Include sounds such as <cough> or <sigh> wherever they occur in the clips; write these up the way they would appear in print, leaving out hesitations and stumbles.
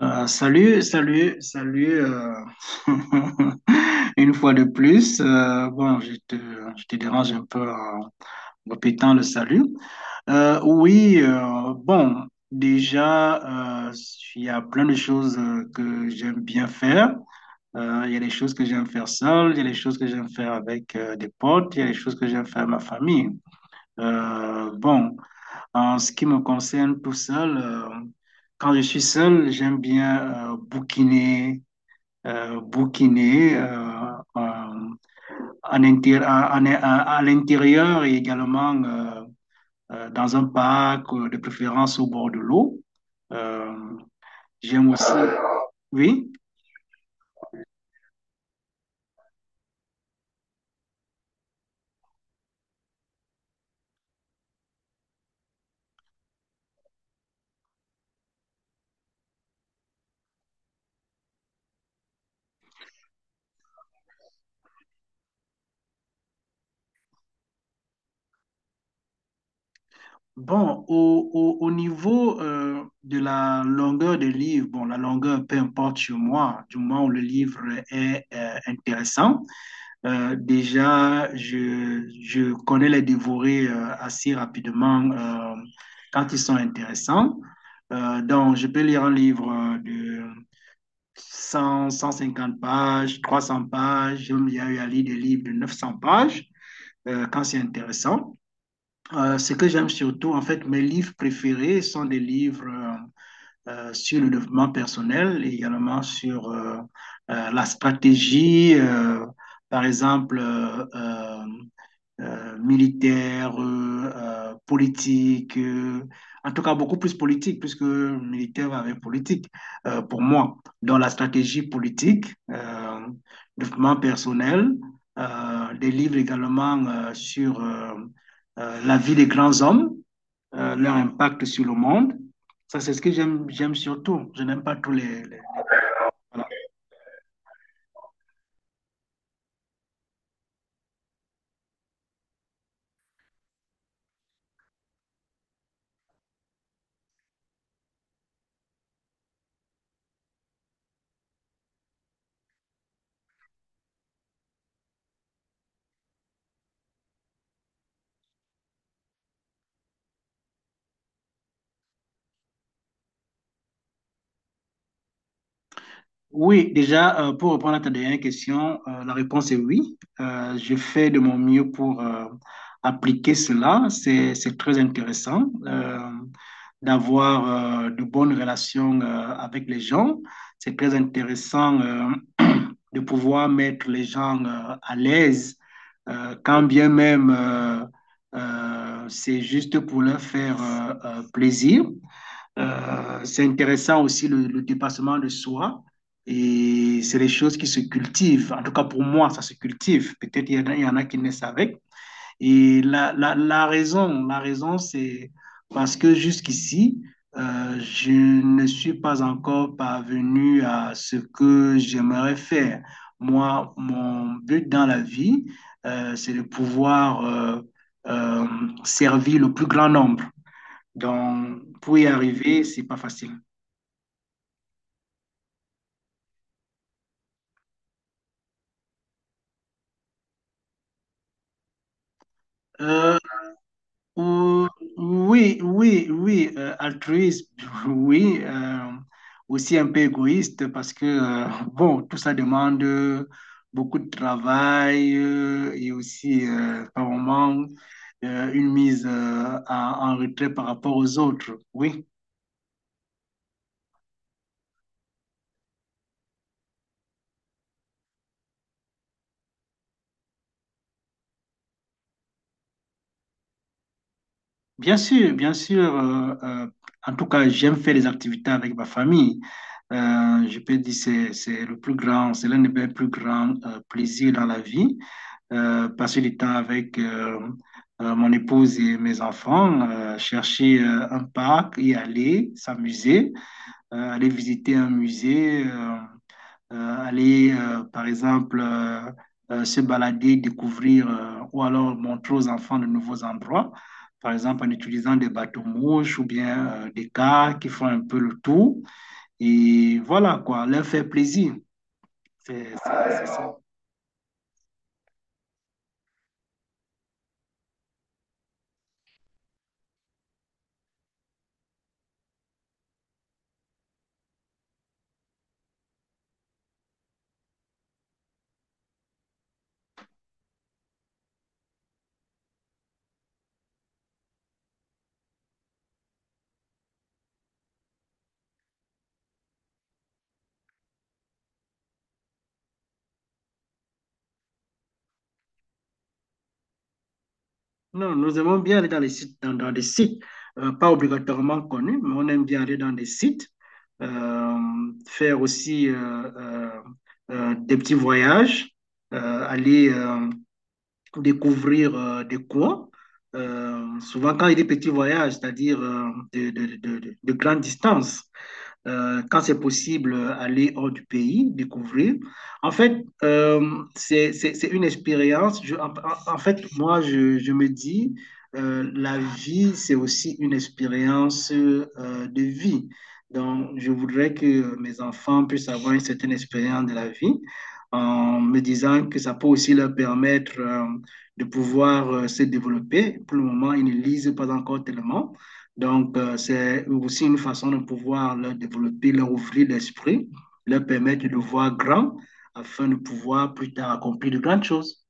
Salut, salut, salut. <laughs> Une fois de plus, bon, je te dérange un peu en répétant le salut. Oui, bon, déjà, il y a plein de choses que j'aime bien faire. Il y a des choses que j'aime faire seul, il y a des choses que j'aime faire avec des potes, il y a des choses que j'aime faire avec ma famille. Euh, bon. En ce qui me concerne tout seul, quand je suis seul, j'aime bien bouquiner, bouquiner en intér- en- en- à l'intérieur et également dans un parc, de préférence au bord de l'eau. Euh, J'aime aussi, oui. Bon, au niveau de la longueur des livres, bon, la longueur, peu importe chez moi, du moment où le livre est intéressant. Déjà, je connais les dévorés assez rapidement quand ils sont intéressants. Donc, je peux lire un livre de 100, 150 pages, 300 pages. Il y a eu à lire des livres de 900 pages quand c'est intéressant. Ce que j'aime surtout, en fait, mes livres préférés sont des livres sur le développement personnel et également sur la stratégie, par exemple, militaire, politique, en tout cas beaucoup plus politique, puisque militaire avec politique, pour moi, dans la stratégie politique, développement personnel, des livres également sur la vie des grands hommes, leur impact sur le monde. Ça, c'est ce que j'aime, j'aime surtout. Je n'aime pas tous voilà. Oui, déjà, pour répondre à ta dernière question, la réponse est oui. Je fais de mon mieux pour appliquer cela. C'est très intéressant d'avoir de bonnes relations avec les gens. C'est très intéressant de pouvoir mettre les gens à l'aise, quand bien même c'est juste pour leur faire plaisir. C'est intéressant aussi le dépassement de soi. Et c'est des choses qui se cultivent. En tout cas, pour moi, ça se cultive. Peut-être il y en a, il y en a qui naissent avec. Et la raison, c'est parce que jusqu'ici, je ne suis pas encore parvenu à ce que j'aimerais faire. Moi, mon but dans la vie, c'est de pouvoir euh, servir le plus grand nombre. Donc, pour y arriver, c'est pas facile. Euh, ou- oui, oui, oui, altruiste, <laughs> oui, aussi un peu égoïste parce que, bon, tout ça demande beaucoup de travail et aussi, par moment, une mise en en retrait par rapport aux autres, oui. Bien sûr, bien sûr. En tout cas, j'aime faire des activités avec ma famille. Je peux dire c'est le plus grand, c'est l'un des mes plus grands plaisirs dans la vie. Passer du temps avec mon épouse et mes enfants, chercher un parc, y aller, s'amuser, aller visiter un musée. Aller, par exemple, se balader, découvrir ou alors montrer aux enfants de nouveaux endroits, par exemple en utilisant des bateaux-mouches ou bien des cars qui font un peu le tour. Et voilà quoi, leur faire plaisir. C'est ça. Non, nous aimons bien aller dans les sites, dans des sites, pas obligatoirement connus, mais on aime bien aller dans des sites, euh, faire aussi des petits voyages, aller découvrir des coins. Souvent quand il y a des petits voyages, c'est-à-dire de grandes distances quand c'est possible, aller hors du pays, découvrir. En fait, euh, c'est une expérience. Moi, je me dis, la vie, c'est aussi une expérience de vie. Donc, je voudrais que mes enfants puissent avoir une certaine expérience de la vie en me disant que ça peut aussi leur permettre de pouvoir se développer. Pour le moment, ils ne lisent pas encore tellement. Donc, c'est aussi une façon de pouvoir leur développer, leur ouvrir l'esprit, leur permettre de voir grand afin de pouvoir plus tard accomplir de grandes choses.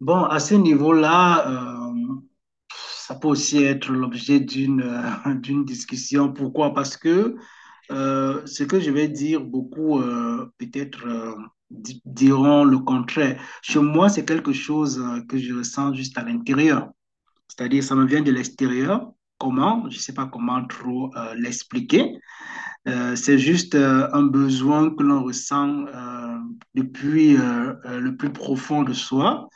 Bon, à ce niveau-là, ça peut aussi être l'objet d'une d'une discussion. Pourquoi? Parce que ce que je vais dire, beaucoup peut-être diront le contraire. Chez moi, c'est quelque chose que je ressens juste à l'intérieur. C'est-à-dire, ça me vient de l'extérieur. Comment? Je ne sais pas comment trop l'expliquer. C'est juste un besoin que l'on ressent depuis le plus profond de soi.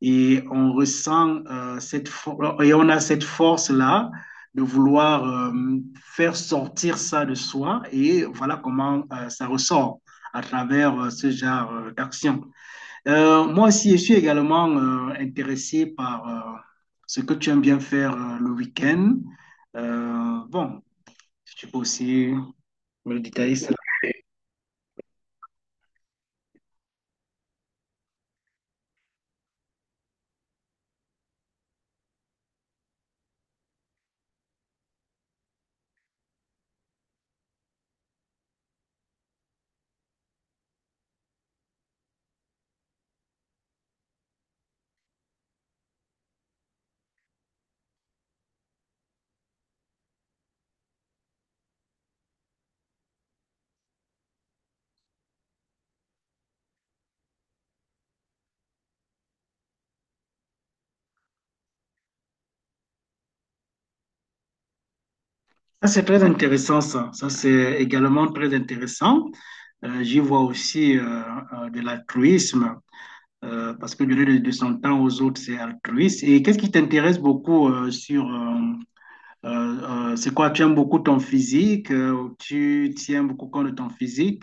Et on ressent et on a cette force-là de vouloir faire sortir ça de soi. Et voilà comment ça ressort à travers ce genre d'action. Moi aussi, je suis également intéressé par ce que tu aimes bien faire le week-end. Bon, si tu peux aussi me détailler cela. Ça, c'est très intéressant, ça. Ça, c'est également très intéressant. J'y vois aussi de l'altruisme, parce que donner de son temps aux autres, c'est altruiste. Et qu'est-ce qui t'intéresse beaucoup c'est quoi, tu aimes beaucoup ton physique, tu tiens beaucoup compte de ton physique.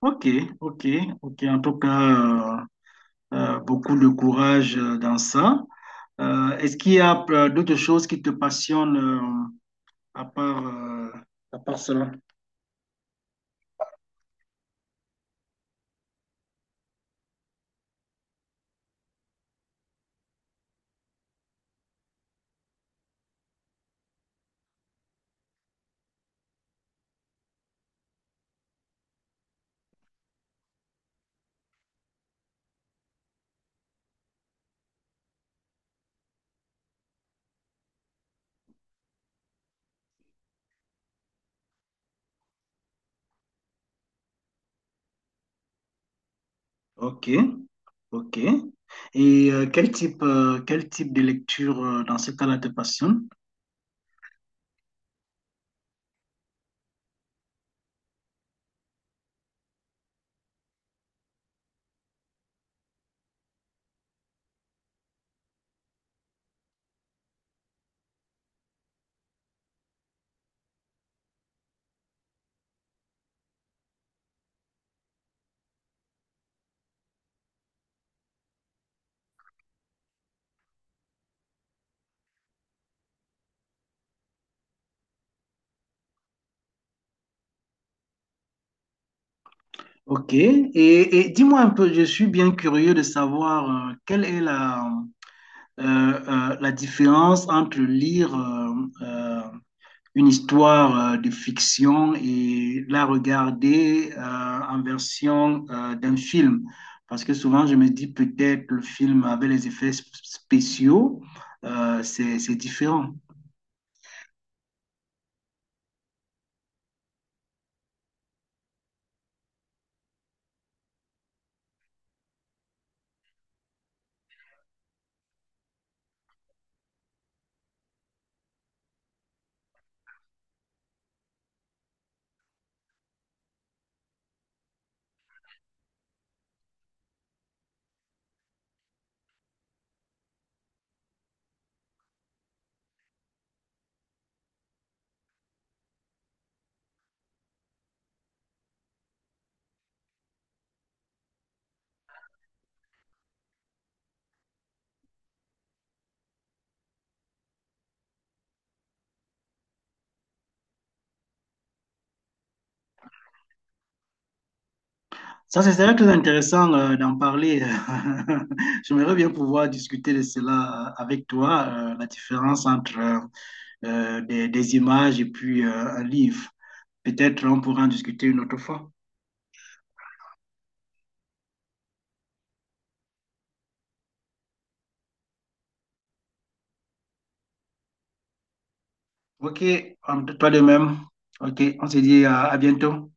Ok, ok, ok. En tout cas, beaucoup de courage dans ça. Est-ce qu'il y a d'autres choses qui te passionnent à part, euh, à part cela? Ok, ok. Et quel type de lecture dans ce cas-là te passionne? Ok. Et dis-moi un peu, je suis bien curieux de savoir quelle est la, la différence entre lire euh, une histoire de fiction et la regarder en version d'un film. Parce que souvent, je me dis peut-être le film avec les spéciaux, c'est différent. Ça, c'est serait très intéressant d'en parler. <laughs> J'aimerais bien pouvoir discuter de cela avec toi, la différence entre des images et puis un livre. Peut-être on pourra en discuter une autre fois. Ok, toi de même. Ok, on se dit à bientôt.